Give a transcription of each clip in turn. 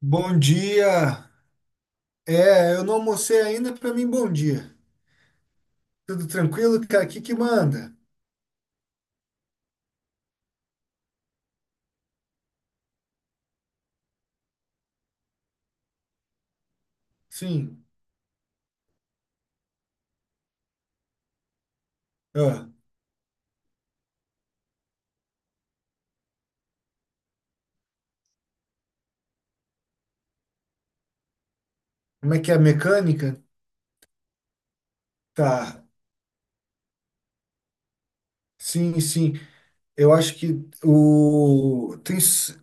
Bom dia. É, eu não almocei ainda, pra mim bom dia. Tudo tranquilo, cara? O que que manda? Sim. Ah, como é que é a mecânica? Tá. Sim, sim. Eu acho que o tem s-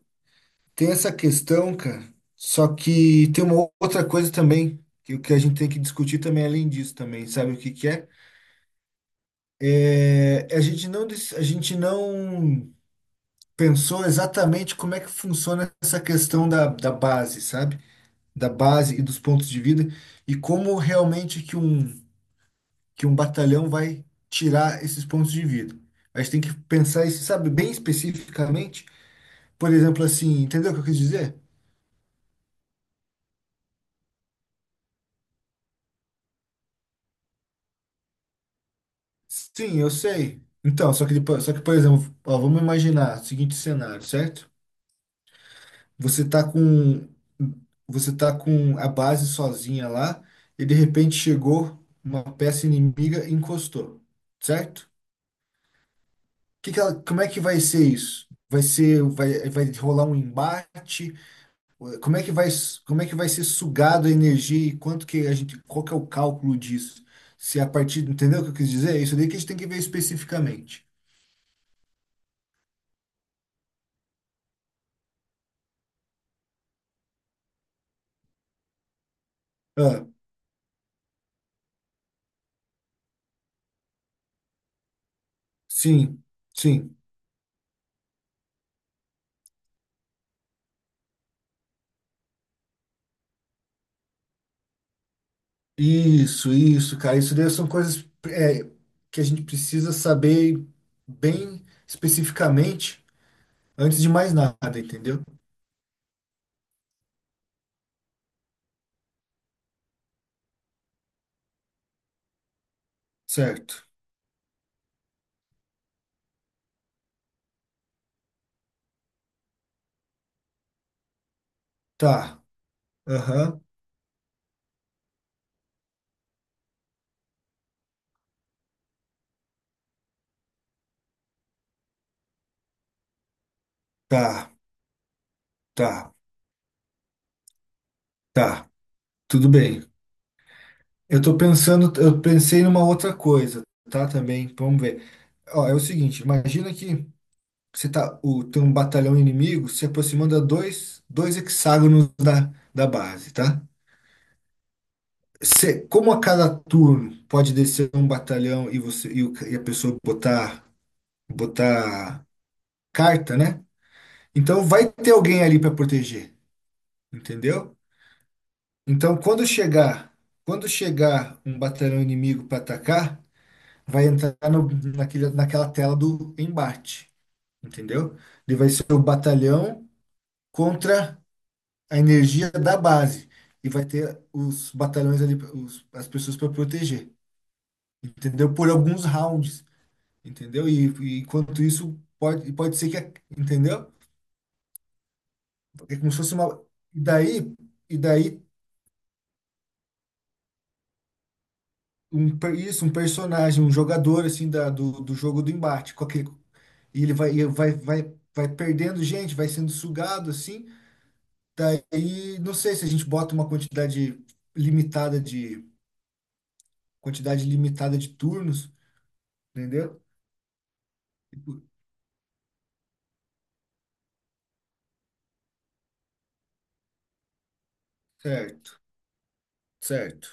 tem essa questão, cara. Só que tem uma outra coisa também que o que a gente tem que discutir também além disso também, sabe o que que é? É, a gente não pensou exatamente como é que funciona essa questão da base, sabe? Da base e dos pontos de vida e como realmente que um batalhão vai tirar esses pontos de vida. A gente tem que pensar isso, sabe, bem especificamente. Por exemplo, assim, entendeu o que eu quis dizer? Sim, eu sei. Então, só que, por exemplo, ó, vamos imaginar o seguinte cenário, certo? Você tá com você tá com a base sozinha lá, e de repente chegou uma peça inimiga e encostou, certo? Como é que vai ser isso? Vai rolar um embate? Como é que vai, como é que vai ser sugado a energia? E quanto que a gente, qual que é o cálculo disso? Se a partir, Entendeu o que eu quis dizer? Isso daí que a gente tem que ver especificamente. Ah, sim, sim. Isso, cara. Isso daí são coisas que a gente precisa saber bem especificamente antes de mais nada, entendeu? Certo. Tá. Aham. Tá, tá, tá. Tudo bem. Eu tô pensando, eu pensei numa outra coisa, tá? Também, vamos ver. Ó, é o seguinte, imagina que tem um batalhão inimigo se aproximando a dois hexágonos da base, tá? Você, como a cada turno pode descer um batalhão e você e, o e a pessoa botar botar carta, né? Então vai ter alguém ali para proteger, entendeu? Então quando chegar um batalhão inimigo para atacar, vai entrar no, naquele, naquela tela do embate, entendeu? Ele vai ser o batalhão contra a energia da base, e vai ter os batalhões ali, as pessoas para proteger, entendeu? Por alguns rounds, entendeu? E enquanto isso pode ser que. Entendeu? É como se fosse uma e daí e daí um personagem, um jogador assim do jogo do embate, qualquer, e ele vai, e vai perdendo gente, vai sendo sugado assim. Daí, não sei se a gente bota uma quantidade limitada de turnos, entendeu? Tipo, certo, certo.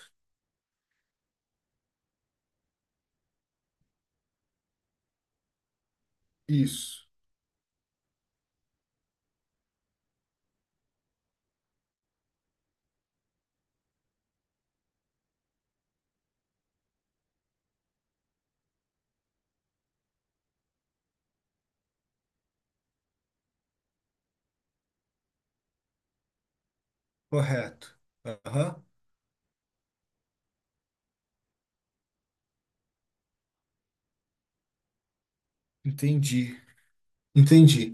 Isso, correto. Aham, entendi, entendi.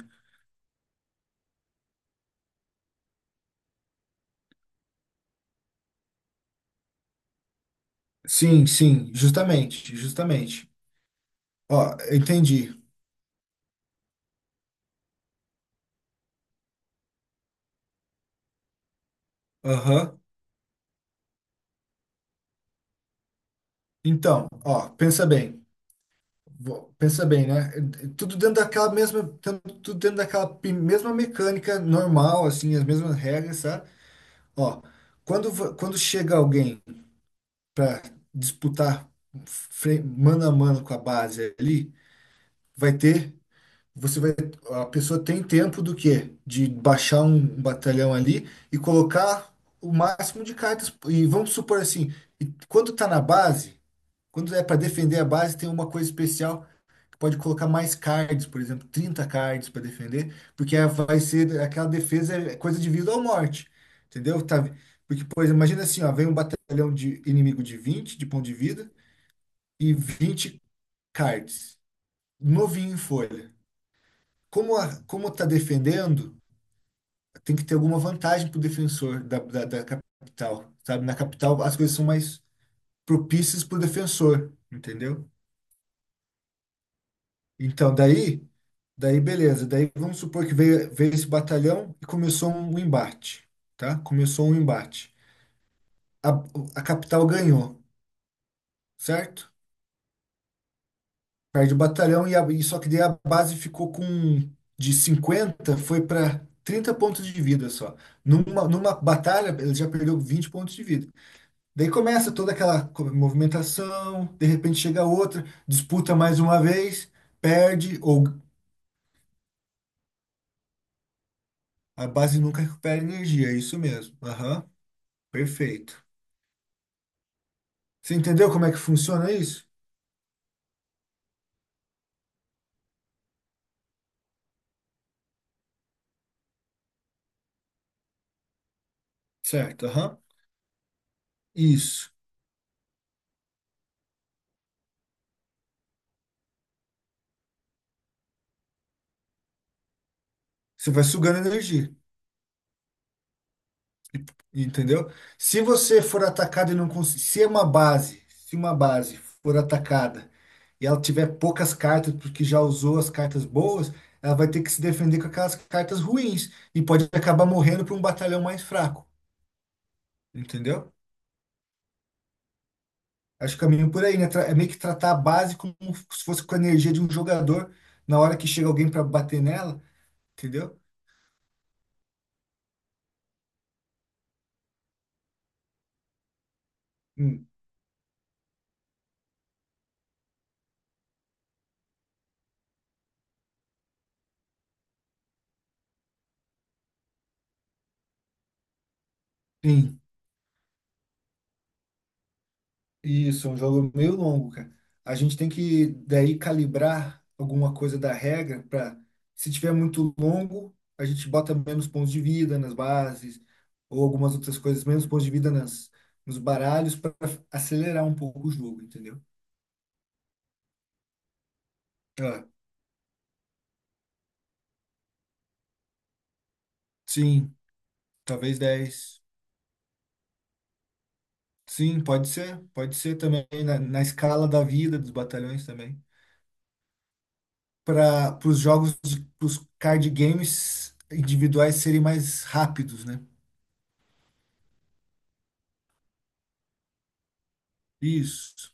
Sim, sim, justamente, justamente. Ó, entendi. Aham. Então, ó, pensa bem. Pensa bem, né? Tudo dentro daquela mesma, tan- tudo dentro daquela pi- mesma mecânica normal, assim, as mesmas regras, sabe? Ó, quando chega alguém para disputar mano a mano com a base ali, vai ter, você vai, a pessoa tem tempo do quê? De baixar um batalhão ali e colocar o máximo de cartas. E vamos supor assim, e quando tá na base, quando é para defender a base, tem uma coisa especial que pode colocar mais cards, por exemplo, 30 cards para defender, vai ser aquela defesa, é coisa de vida ou morte. Entendeu? Tá, porque, por exemplo, imagina assim, ó, vem um batalhão de inimigo de 20 de ponto de vida, e 20 cards, novinho em folha. Como tá defendendo, tem que ter alguma vantagem pro defensor da capital, sabe? Na capital as coisas são mais propícias pro defensor, entendeu? Então, daí beleza. Daí vamos supor que veio esse batalhão e começou um embate, tá? Começou um embate. A, a capital ganhou, certo? Perde o batalhão e só que daí a base ficou com de 50 foi para 30 pontos de vida só. Numa batalha ele já perdeu 20 pontos de vida. Daí começa toda aquela movimentação, de repente chega outra, disputa mais uma vez, perde, ou a base nunca recupera energia, é isso mesmo. Aham. Perfeito. Você entendeu como é que funciona isso? Certo, aham. Isso. Você vai sugando energia. Entendeu? Se você for atacado e não conseguir, se uma base for atacada e ela tiver poucas cartas porque já usou as cartas boas, ela vai ter que se defender com aquelas cartas ruins e pode acabar morrendo para um batalhão mais fraco, entendeu? Acho que o caminho por aí, né? É meio que tratar a base como se fosse com a energia de um jogador na hora que chega alguém para bater nela, entendeu? Hum. Sim. Isso, é um jogo meio longo, cara. A gente tem que daí calibrar alguma coisa da regra para, se tiver muito longo, a gente bota menos pontos de vida nas bases, ou algumas outras coisas, menos pontos de vida nos baralhos, para acelerar um pouco o jogo, entendeu? Ah, sim, talvez 10. Sim, pode ser também na escala da vida dos batalhões também. Para os jogos, os card games individuais serem mais rápidos, né? Isso.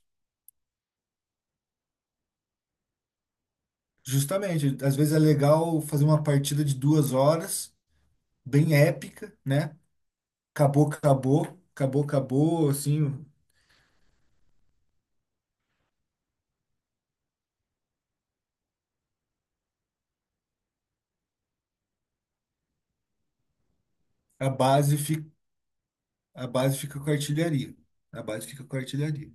Justamente, às vezes é legal fazer uma partida de 2 horas, bem épica, né? Acabou, acabou, acabou, acabou, assim, a base fica, a base fica com a artilharia. A base fica com a artilharia.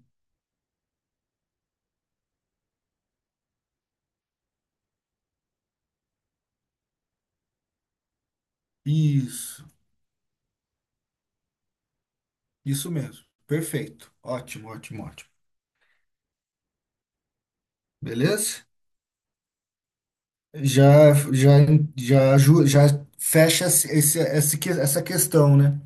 Isso, isso mesmo. Perfeito. Ótimo, ótimo, ótimo. Beleza? Já, já, já, já fecha essa questão, né?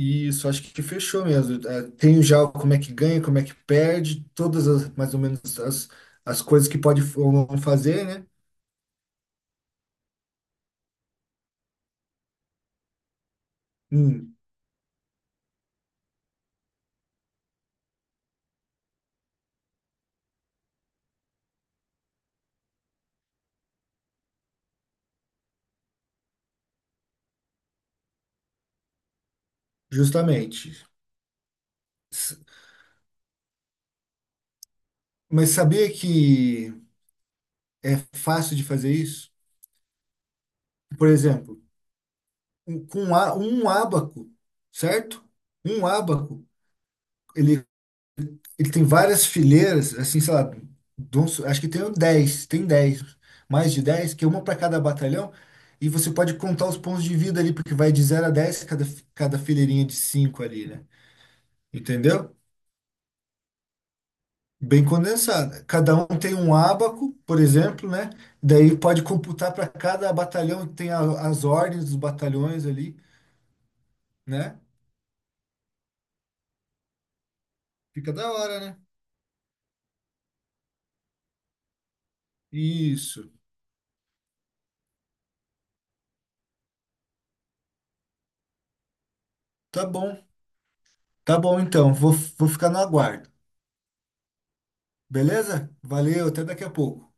Isso, acho que fechou mesmo. Tenho já como é que ganha, como é que perde, mais ou menos as coisas que pode ou não fazer, né? Hum, justamente. S- Mas sabia que é fácil de fazer isso? Por exemplo, com um ábaco, certo? Um ábaco, ele Ele tem várias fileiras, assim, sei lá, acho que tem dez, mais de 10, que é uma para cada batalhão, e você pode contar os pontos de vida ali, porque vai de 0 a 10, cada fileirinha de cinco ali, né? Entendeu? Bem condensada. Cada um tem um ábaco, por exemplo, né? Daí pode computar para cada batalhão, as ordens dos batalhões ali, né? Fica da hora, né? Isso. Tá bom. Tá bom, então. Vou ficar no aguardo. Beleza? Valeu, até daqui a pouco.